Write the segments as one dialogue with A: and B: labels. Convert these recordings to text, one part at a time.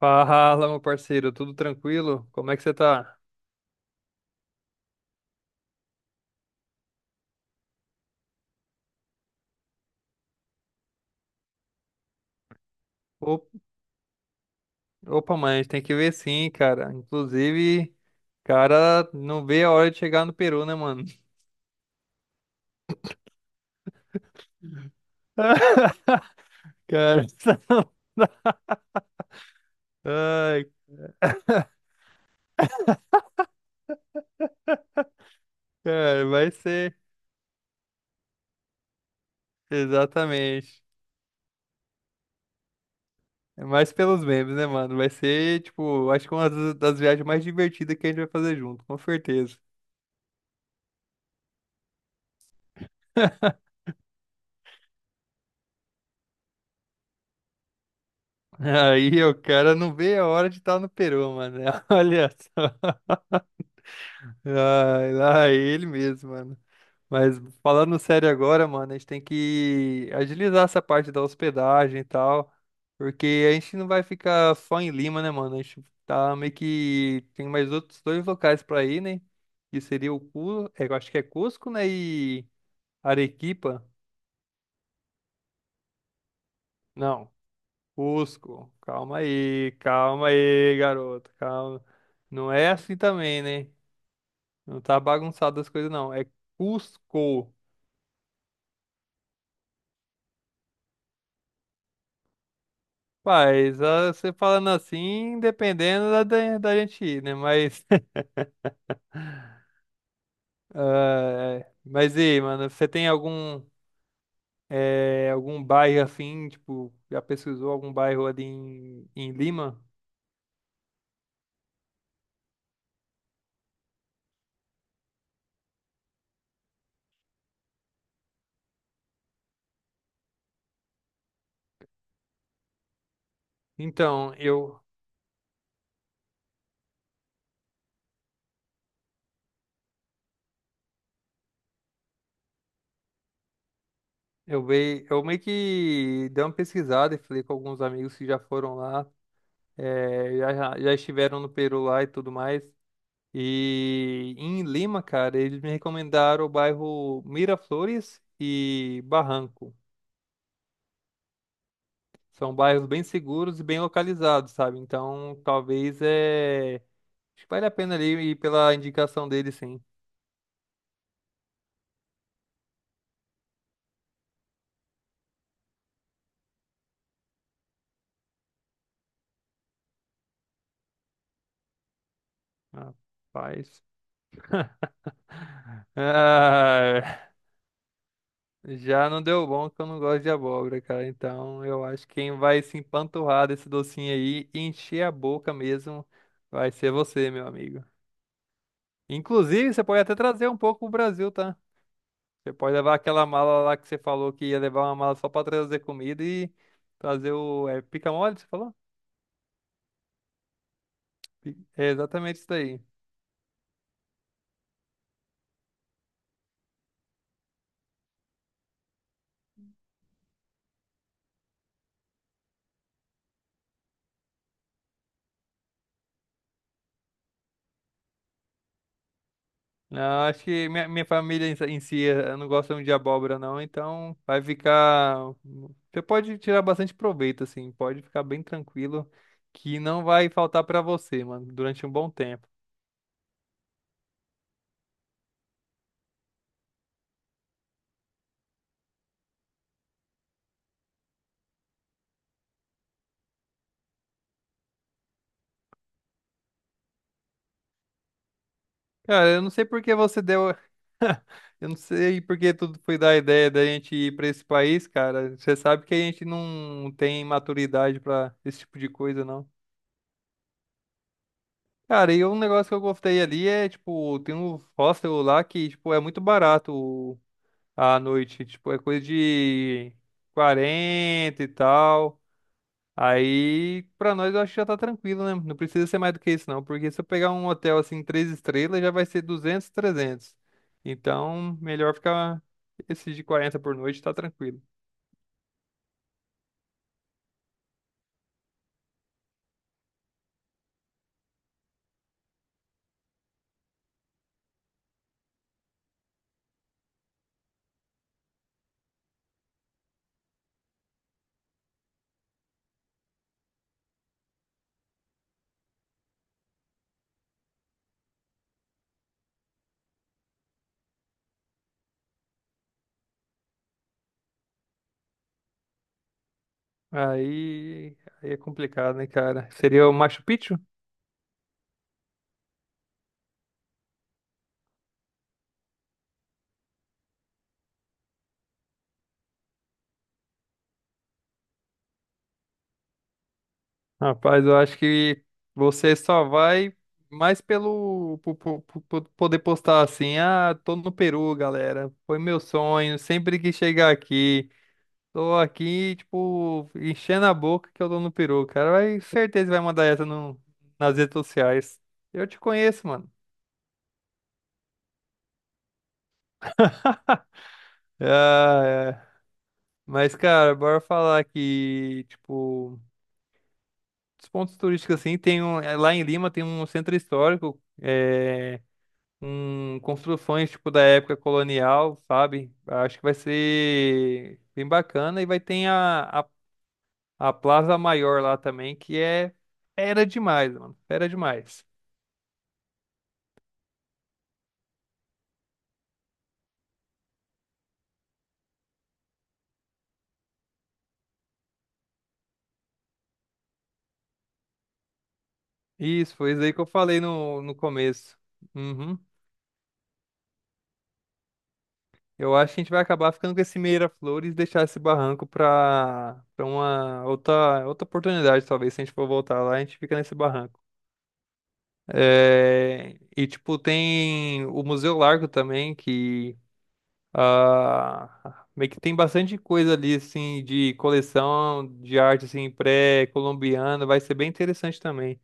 A: Fala, meu parceiro, tudo tranquilo? Como é que você tá? Op- Opa, mãe, a gente tem que ver sim, cara. Inclusive, cara, não vê a hora de chegar no Peru, né, mano? Cara, ai, cara, vai ser. Exatamente. É mais pelos memes, né, mano? Vai ser, tipo, acho que uma das viagens mais divertidas que a gente vai fazer junto, com certeza. Aí, o cara não vê a hora de estar no Peru, mano. Olha só. Ai, lá é ele mesmo, mano. Mas falando sério agora, mano, a gente tem que agilizar essa parte da hospedagem e tal, porque a gente não vai ficar só em Lima, né, mano? A gente tá meio que tem mais outros dois locais pra ir, né? Que seria o Cu, é, eu acho que é Cusco, né, e Arequipa. Não, Cusco. Calma aí, garoto. Calma. Não é assim também, né? Não tá bagunçado as coisas não. É Cusco. Paz, ah, você falando assim, dependendo da gente ir, né? Mas, ah, é. Mas e aí, mano, você tem algum bairro assim, tipo, já pesquisou algum bairro ali em Lima? Então, veio, eu meio que dei uma pesquisada e falei com alguns amigos que já foram lá, já estiveram no Peru lá e tudo mais. E em Lima, cara, eles me recomendaram o bairro Miraflores e Barranco. São bairros bem seguros e bem localizados, sabe? Então, talvez é. Acho que vale a pena ali ir pela indicação dele, sim. Rapaz. Ah, já não deu bom que eu não gosto de abóbora, cara. Então, eu acho que quem vai se empanturrar desse docinho aí e encher a boca mesmo vai ser você, meu amigo. Inclusive, você pode até trazer um pouco pro Brasil, tá? Você pode levar aquela mala lá que você falou que ia levar uma mala só pra trazer comida e trazer o. É pica-mole, você falou? É exatamente isso daí. Não, acho que minha família em si, não gosta muito de abóbora, não, então vai ficar. Você pode tirar bastante proveito, assim, pode ficar bem tranquilo, que não vai faltar pra você, mano, durante um bom tempo. Cara, eu não sei por que você deu. Eu não sei por que tudo foi da ideia da gente ir pra esse país, cara. Você sabe que a gente não tem maturidade pra esse tipo de coisa, não. Cara, e um negócio que eu gostei ali é, tipo, tem um hostel lá que, tipo, é muito barato a noite. Tipo, é coisa de 40 e tal. Aí, pra nós, eu acho que já tá tranquilo, né? Não precisa ser mais do que isso, não. Porque se eu pegar um hotel, assim, três estrelas, já vai ser 200 300. Então, melhor ficar esses de 40 por noite, tá tranquilo. Aí, aí é complicado, né, cara? Seria o Machu Picchu? Rapaz, eu acho que você só vai mais pelo poder postar assim, ah, tô no Peru, galera. Foi meu sonho, sempre que chegar aqui, tô aqui, tipo, enchendo a boca que eu tô no Peru, cara. Vai, certeza vai mandar essa no, nas redes sociais. Eu te conheço, mano. Ah, é. Mas, cara, bora falar que, tipo, os pontos turísticos assim, tem um, é, lá em Lima tem um centro histórico. É, com construções tipo da época colonial, sabe? Acho que vai ser bem bacana e vai ter a Plaza Maior lá também, que é fera demais, mano, fera demais. Isso, foi isso aí que eu falei no começo. Uhum. Eu acho que a gente vai acabar ficando com esse Meira-Flores e deixar esse barranco para uma outra oportunidade, talvez, se a gente for voltar lá, a gente fica nesse barranco. É, e, tipo, tem o Museu Largo também, que ah, meio que tem bastante coisa ali, assim, de coleção de arte, assim, pré-colombiana. Vai ser bem interessante também.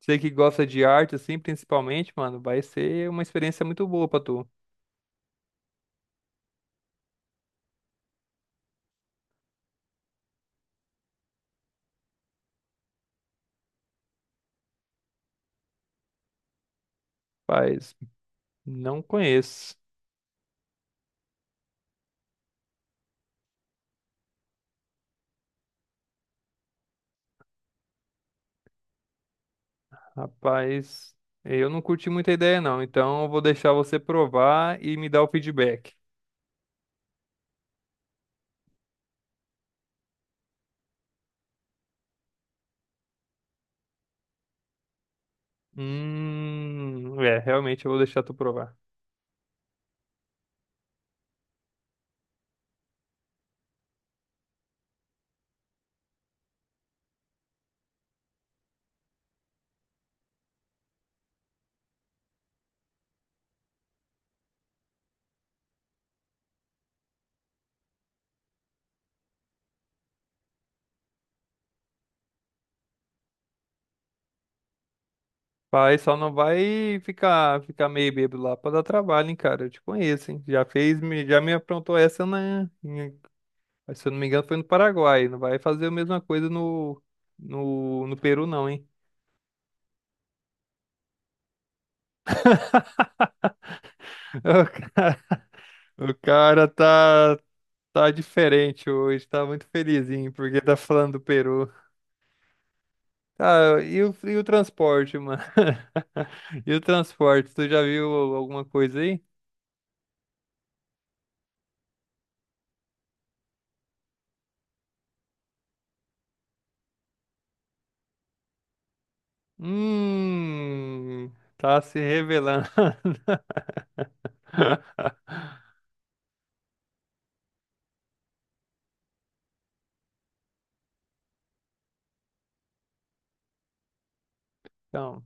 A: Você que gosta de arte, assim, principalmente, mano, vai ser uma experiência muito boa pra tu. Rapaz, não conheço. Rapaz, eu não curti muita ideia, não. Então, eu vou deixar você provar e me dar o feedback. É, realmente eu vou deixar tu provar. Vai, só não vai ficar meio bêbado lá pra dar trabalho, hein, cara. Eu te conheço, hein? Já fez, já me aprontou essa se eu não me engano, foi no Paraguai. Não vai fazer a mesma coisa no Peru, não, hein? O cara tá diferente hoje, tá muito felizinho, porque tá falando do Peru. Ah, e o transporte, mano? E o transporte, tu já viu alguma coisa aí? Hum, tá se revelando. Então.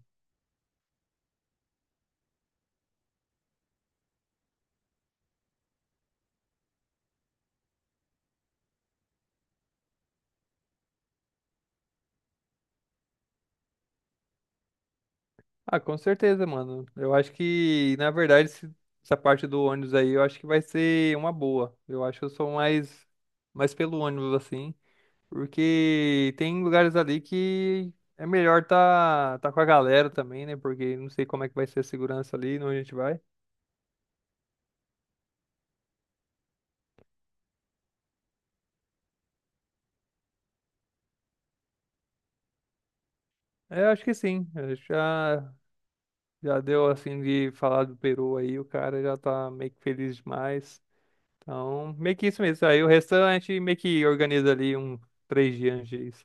A: Ah, com certeza, mano. Eu acho que, na verdade, essa parte do ônibus aí, eu acho que vai ser uma boa. Eu acho que eu sou mais pelo ônibus, assim, porque tem lugares ali que é melhor tá com a galera também, né? Porque não sei como é que vai ser a segurança ali, onde a gente vai. É, eu acho que sim. Eu Já deu, assim, de falar do Peru aí, o cara já tá meio que feliz demais. Então, meio que isso mesmo. Aí o restante, a gente meio que organiza ali um 3 dias antes disso.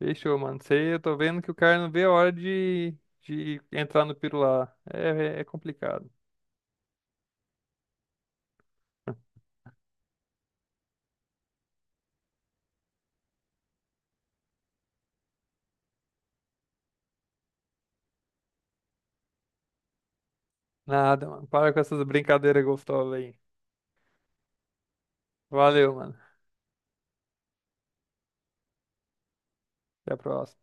A: Fechou, mano. Sei, eu tô vendo que o cara não vê a hora de entrar no piro lá. É, é, é complicado. Nada, mano. Para com essas brincadeiras gostosas aí. Valeu, mano. Até a próxima.